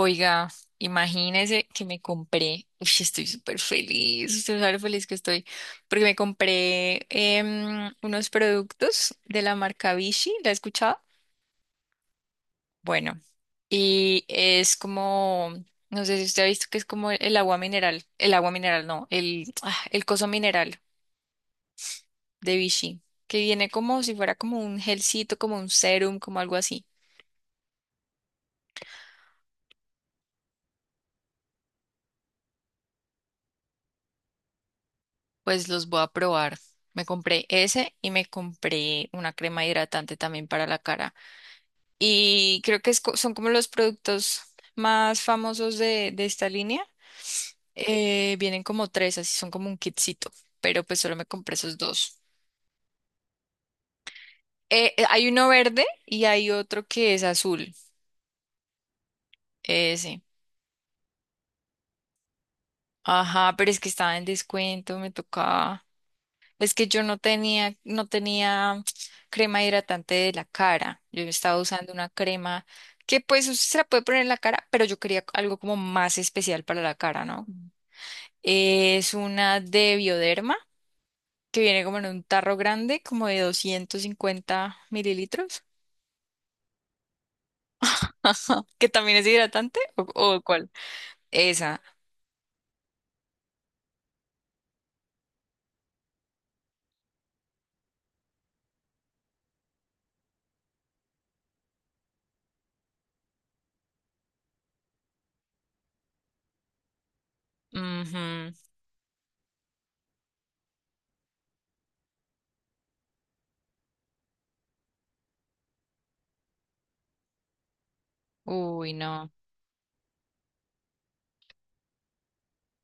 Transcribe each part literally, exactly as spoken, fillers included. Oiga, imagínese que me compré, uy, estoy súper feliz, estoy súper feliz que estoy, porque me compré em, unos productos de la marca Vichy, ¿la he escuchado? Bueno, y es como, no sé si usted ha visto que es como el agua mineral, el agua mineral, no, el, ah, el coso mineral de Vichy, que viene como si fuera como un gelcito, como un serum, como algo así. Pues los voy a probar. Me compré ese y me compré una crema hidratante también para la cara. Y creo que es co- son como los productos más famosos de, de esta línea. Eh, vienen como tres, así son como un kitcito, pero pues solo me compré esos dos. Eh, eh, hay uno verde y hay otro que es azul, ese. Ajá, pero es que estaba en descuento, me tocaba. Es que yo no tenía, no tenía crema hidratante de la cara. Yo estaba usando una crema que pues usted se la puede poner en la cara, pero yo quería algo como más especial para la cara, ¿no? Es una de Bioderma que viene como en un tarro grande, como de doscientos cincuenta mililitros, que también es hidratante, ¿o, o cuál? Esa. Ujú. Uy, no.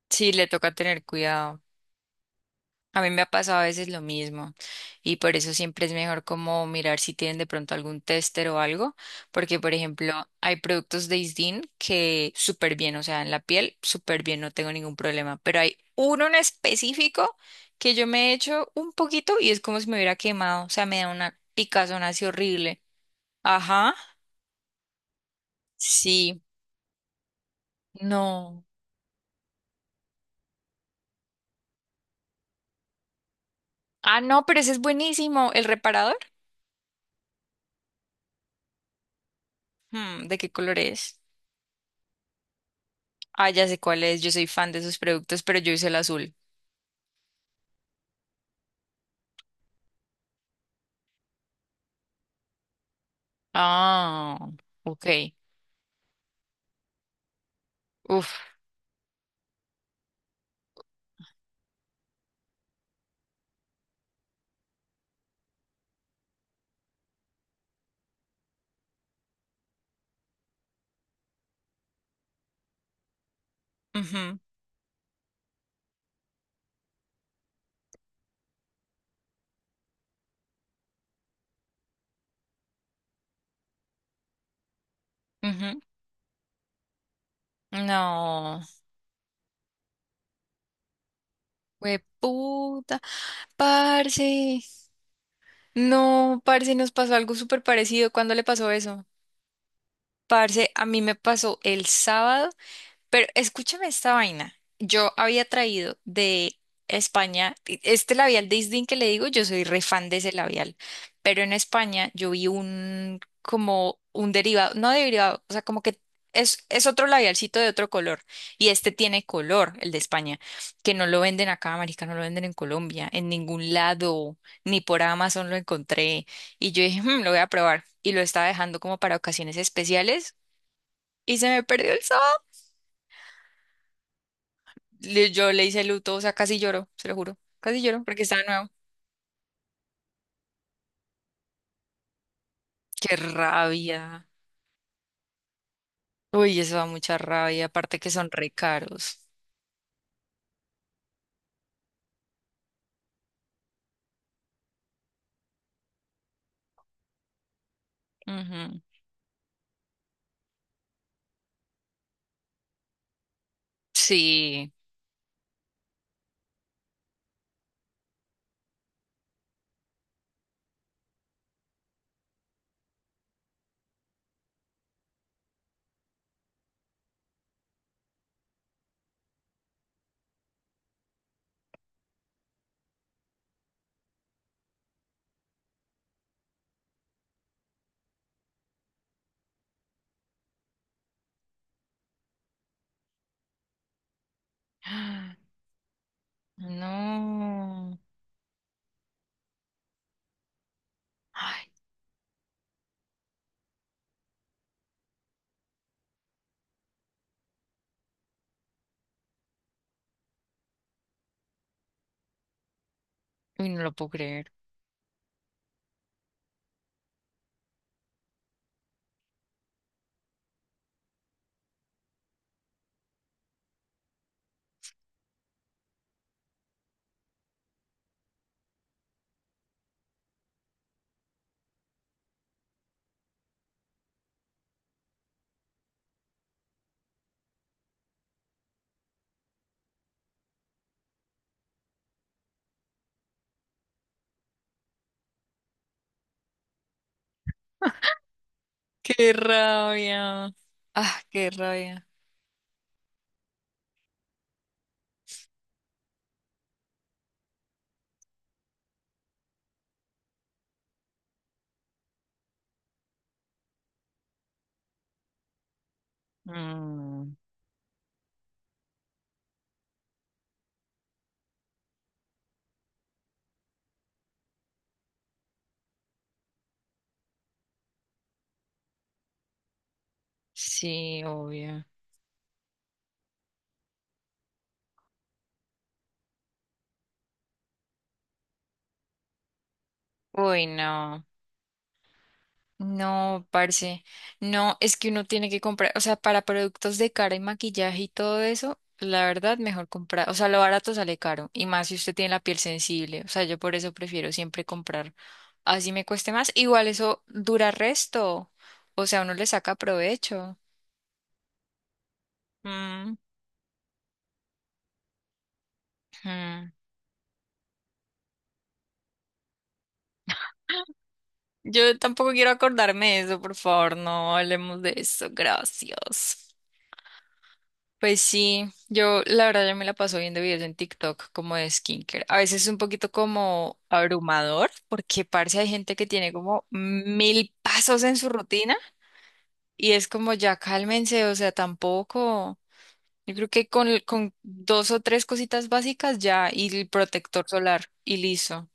Sí, le toca tener cuidado. A mí me ha pasado a veces lo mismo y por eso siempre es mejor como mirar si tienen de pronto algún tester o algo, porque por ejemplo hay productos de Isdin que súper bien, o sea, en la piel súper bien, no tengo ningún problema, pero hay uno en específico que yo me he hecho un poquito y es como si me hubiera quemado, o sea, me da una picazón así horrible. Ajá, sí, no. Ah, no, pero ese es buenísimo, el reparador. Hmm, ¿de qué color es? Ah, ya sé cuál es, yo soy fan de esos productos, pero yo hice el azul. Ah, ok. Uf. Ujú, ujú. No, puta, parce. No, parce, nos pasó algo súper parecido. ¿Cuándo le pasó eso? Parce, a mí me pasó el sábado. Pero escúchame esta vaina. Yo había traído de España, e- este labial de Isdin que le digo, yo soy re fan de ese labial, pero en España yo vi un como un derivado, no derivado, o sea, como que es, es otro labialcito de otro color y este tiene color, el de España, que no lo venden acá, marica, no lo venden en Colombia, en ningún lado, ni por Amazon lo encontré y yo dije, "Mm, lo voy a probar y lo estaba dejando como para ocasiones especiales y se me perdió el sabor. Le- yo le hice luto, o sea, casi lloro, se lo juro. Casi lloro porque estaba nuevo. Qué rabia. Uy, eso da mucha rabia, aparte que son re caros. Ujú. Sí. Ah, no. Ay, uy, no lo puedo creer. Qué rabia. Ah, qué rabia. Mm, sí, obvio. Uy, no. No, parce, no, es que uno tiene que comprar, o sea, para productos de cara y maquillaje y todo eso, la verdad, mejor comprar, o sea, lo barato sale caro, y más si usted tiene la piel sensible, o sea, yo por eso prefiero siempre comprar, así me cueste más, igual eso dura resto, o sea, uno le saca provecho. Mm, mm. Yo tampoco quiero acordarme de eso, por favor, no hablemos de eso, gracias. Pues sí, yo la verdad yo me la paso viendo videos en TikTok como de skincare. A veces es un poquito como abrumador porque parece hay gente que tiene como mil pasos en su rutina y es como ya cálmense, o sea, tampoco. Yo creo que con, con dos o tres cositas básicas ya y el protector solar y listo.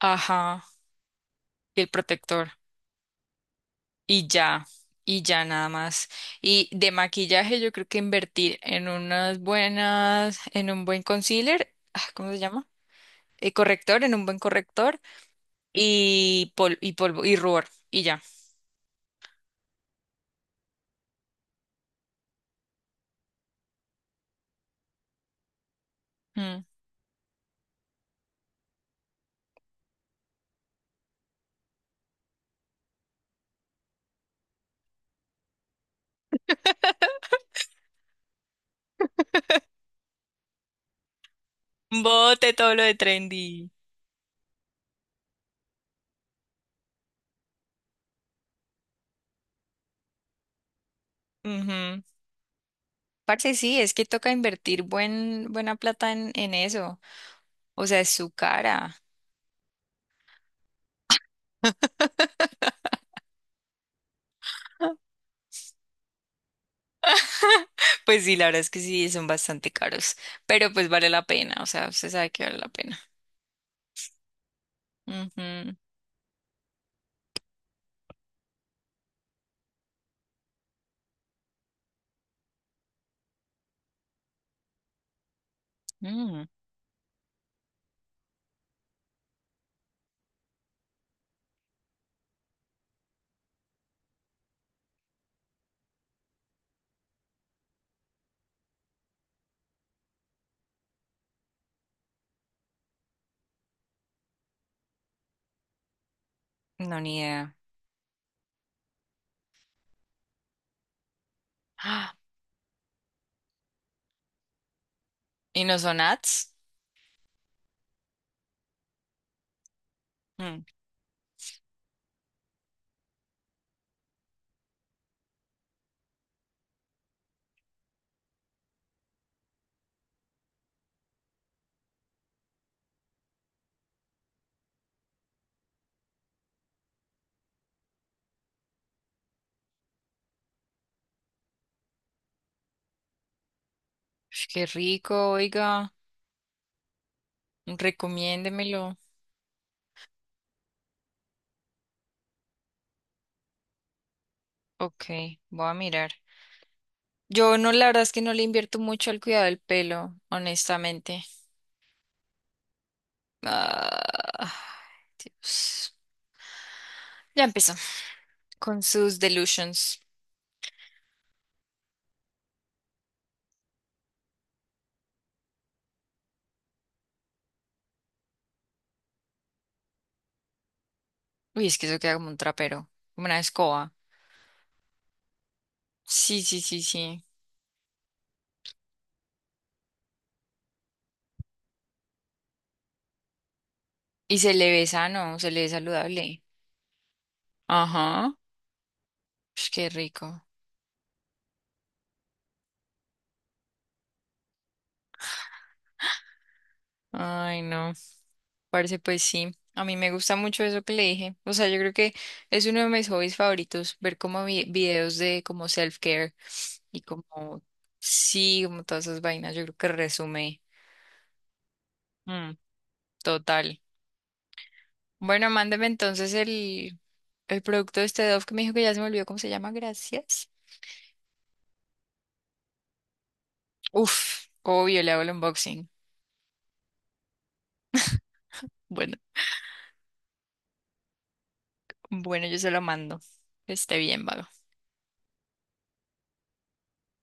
Ajá, y el protector. Y ya, y ya nada más. Y de maquillaje yo creo que invertir en unas buenas, en un buen concealer, ah, ¿cómo se llama? Eh, corrector, en un buen corrector y, pol- y polvo y rubor y ya. Mm. Bote todo lo de trendy. Ujú. Parce, sí, es que toca invertir buen, buena plata en, en eso. O sea, es su cara. Pues sí, la verdad es que sí, son bastante caros, pero pues vale la pena, o sea, usted sabe que vale la pena. Ujú. Mm. No, ni idea. ¡Ah! ¿Y no son ads? Mm, uf, qué rico, oiga. Recomiéndemelo. Ok, voy a mirar. Yo no, la verdad es que no le invierto mucho al cuidado del pelo, honestamente. Ah, Dios. Ya empezó. Con sus delusions. Uy, es que eso queda como un trapero, como una escoba. Sí, sí, sí, sí. Y se le ve sano, se le ve saludable. Ajá. Uf, qué rico. Ay, no. Parce, pues sí, a mí me gusta mucho eso que le dije. O sea, yo creo que es uno de mis hobbies favoritos, ver como vi- videos de como self-care y como, sí, como todas esas vainas, yo creo que resume. Mm, total. Bueno, mándeme entonces el, el producto de este Dove que me dijo que ya se me olvidó cómo se llama, gracias. Uf, obvio, le hago el unboxing. Bueno, bueno, yo se lo mando. Que esté bien, vago.